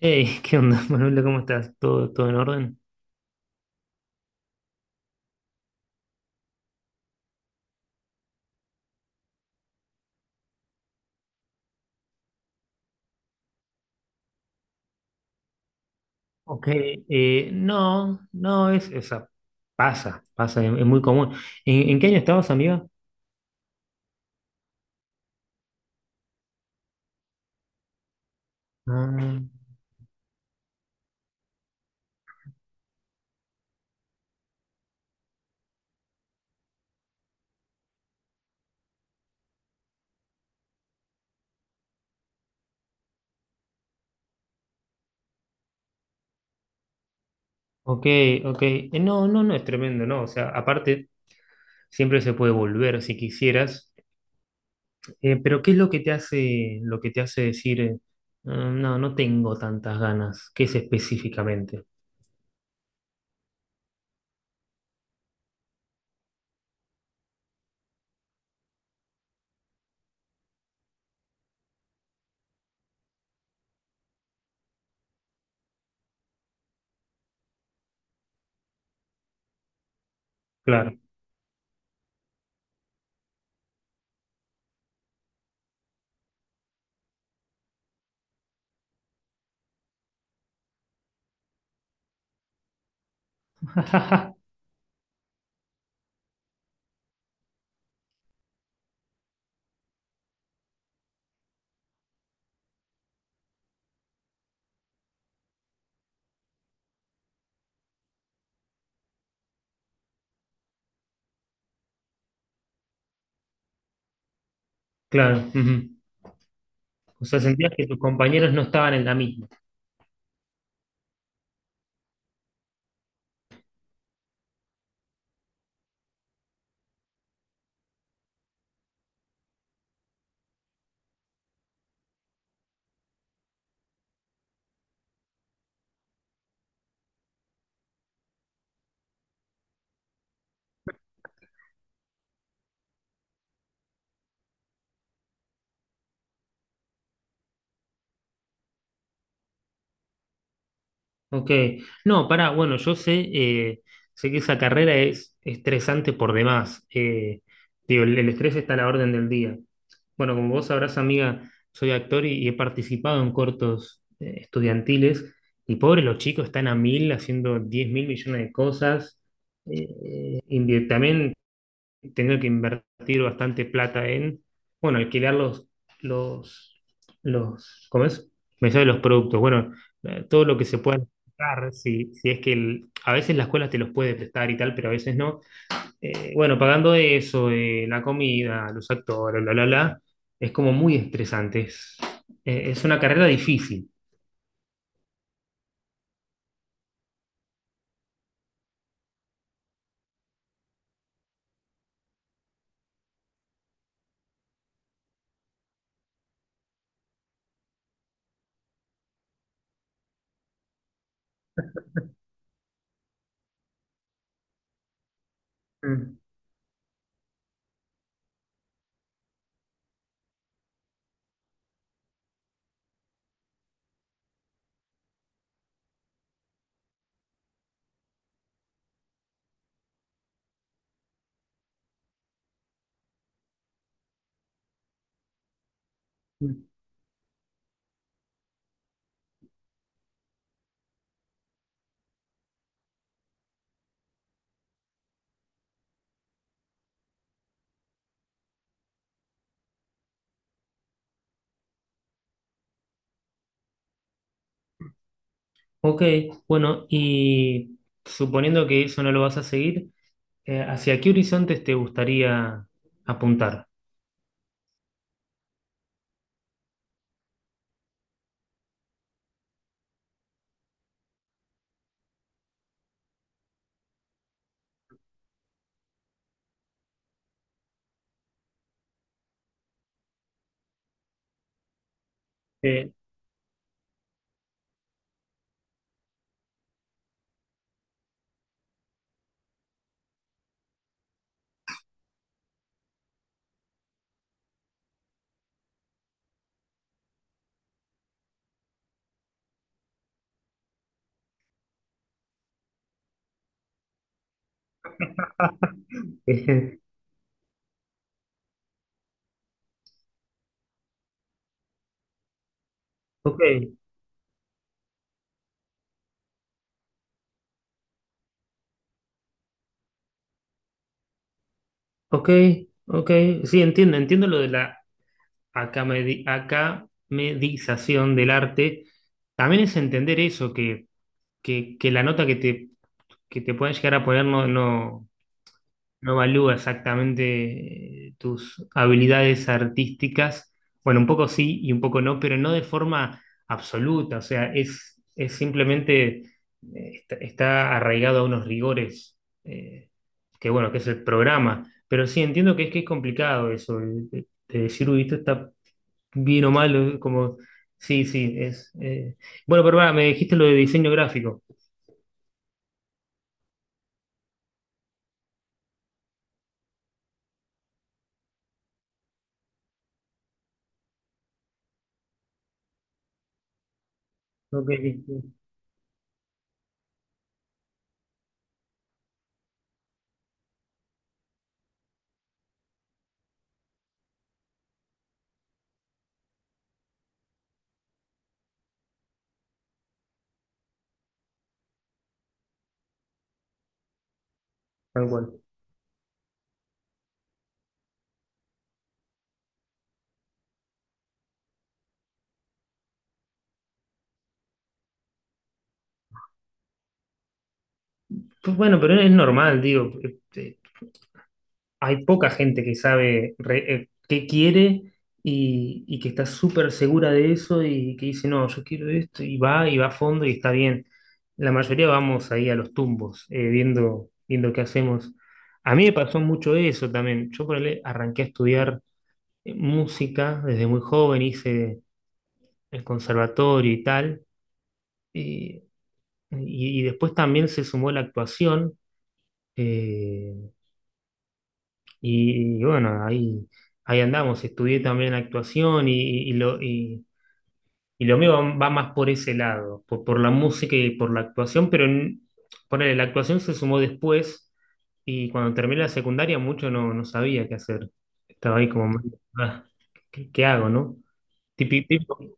Hey, ¿qué onda, Manuela? ¿Cómo estás? ¿Todo en orden? Ok, no, es, o sea, pasa, es muy común. ¿En qué año estabas, amiga? Ah, ok, ok. No, no es tremendo, ¿no? O sea, aparte, siempre se puede volver si quisieras. Pero ¿qué es lo que te hace, lo que te hace decir, "Ah, no, no tengo tantas ganas"? ¿Qué es específicamente? Claro, claro. Ujú. O sea, sentías que tus compañeros no estaban en la misma. Ok, no, para, bueno, yo sé, sé que esa carrera es estresante por demás. Digo, el estrés está a la orden del día. Bueno, como vos sabrás, amiga, soy actor y he participado en cortos estudiantiles. Y pobre, los chicos están a mil haciendo 10 mil millones de cosas. También tener que invertir bastante plata en, bueno, alquilar los, ¿cómo es? Me sale los productos, bueno, todo lo que se pueda prestar, si, si es que el- a veces la escuela te los puede prestar y tal, pero a veces no. Bueno, pagando eso, la comida, los actores, bla, bla, bla, es como muy estresante, es una carrera difícil. Mm, mm. Ok, bueno, y suponiendo que eso no lo vas a seguir, ¿hacia qué horizontes te gustaría apuntar? Eh, ok, ok, ok. Sí, entiendo, entiendo lo de la acamedi- acamedización del arte. También es entender eso, que la nota que te pueden llegar a poner no evalúa exactamente tus habilidades artísticas. Bueno, un poco sí y un poco no, pero no de forma absoluta. O sea, es simplemente, está, está arraigado a unos rigores, eh, que bueno, que es el programa. Pero sí entiendo que es complicado eso, de decir, uy, esto está bien o mal, como, sí, sí, es.... Bueno, pero va, me dijiste lo de diseño gráfico. Ok, sí, sí, tal cual. Pues bueno, pero es normal, digo. eh, Hay poca gente que sabe re- qué quiere y que está súper segura de eso y que dice, no, yo quiero esto y va a fondo y está bien. La mayoría vamos ahí a los tumbos, viendo, viendo qué hacemos. A mí me pasó mucho eso también. Yo por ahí arranqué a estudiar música desde muy joven, hice el conservatorio y tal, y, y después también se sumó la actuación. eh, y bueno, ahí, ahí andamos. Estudié también actuación y lo mío va, va más por ese lado, por la música y por la actuación, pero en- ponele, la actuación se sumó después y cuando terminé la secundaria mucho no, no sabía qué hacer. Estaba ahí como, ah, ¿qué, qué hago, no? Típico, típico,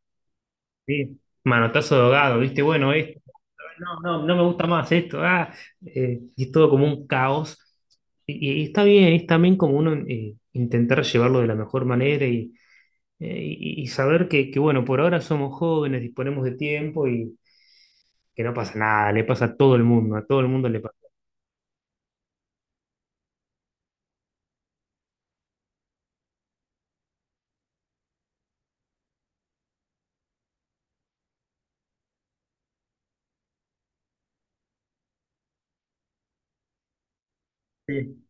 sí, manotazo de ahogado, ¿viste? Bueno, no, no, no me gusta más esto, ah, y es todo como un caos. Y está bien, es también como uno intentar llevarlo de la mejor manera y, y saber que, bueno, por ahora somos jóvenes, disponemos de tiempo y que no pasa nada, le pasa a todo el mundo, a todo el mundo le pasa. Sí,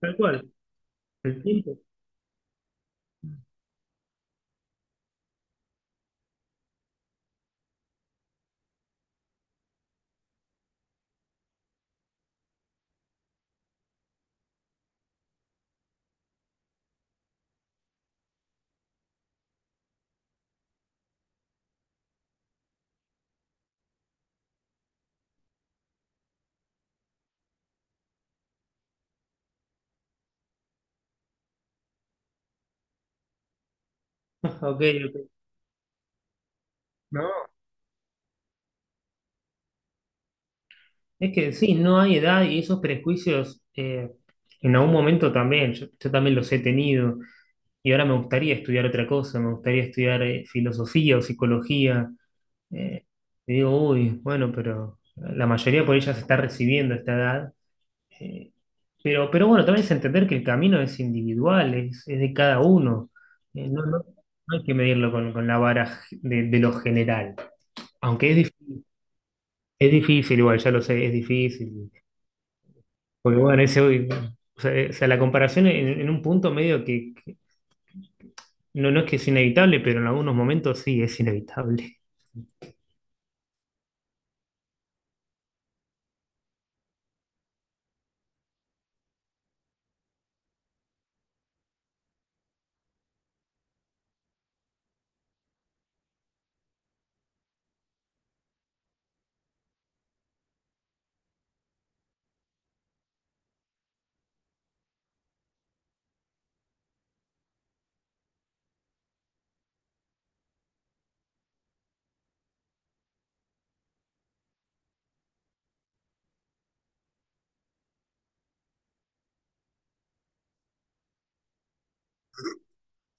tal cual, el tiempo. Ok, ok. No, es que sí, no hay edad y esos prejuicios en algún momento también, yo también los he tenido. Y ahora me gustaría estudiar otra cosa, me gustaría estudiar filosofía o psicología. eh, y digo, uy, bueno, pero la mayoría por ella se está recibiendo a esta edad. eh, pero bueno, también es entender que el camino es individual, es de cada uno. No, no hay que medirlo con la vara de lo general. Aunque es, es difícil, igual, ya lo sé, es difícil. Porque bueno, ese, uy, o sea, la comparación en un punto medio que no, no es que es inevitable, pero en algunos momentos sí es inevitable.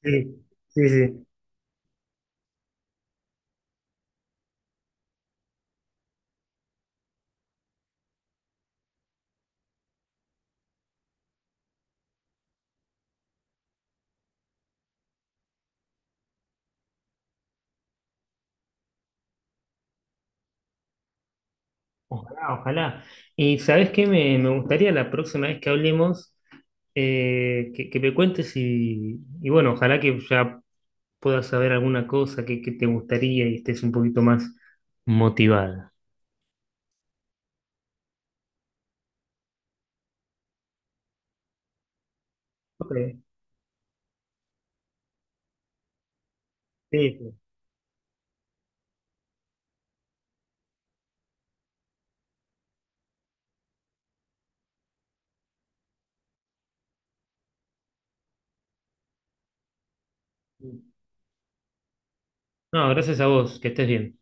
Sí, sí, sí. Ojalá, ojalá. Y sabes qué, me gustaría la próxima vez que hablemos, que me cuentes y bueno, ojalá que ya puedas saber alguna cosa que te gustaría y estés un poquito más motivada. Ok, sí, sí. No, gracias a vos, que estés bien.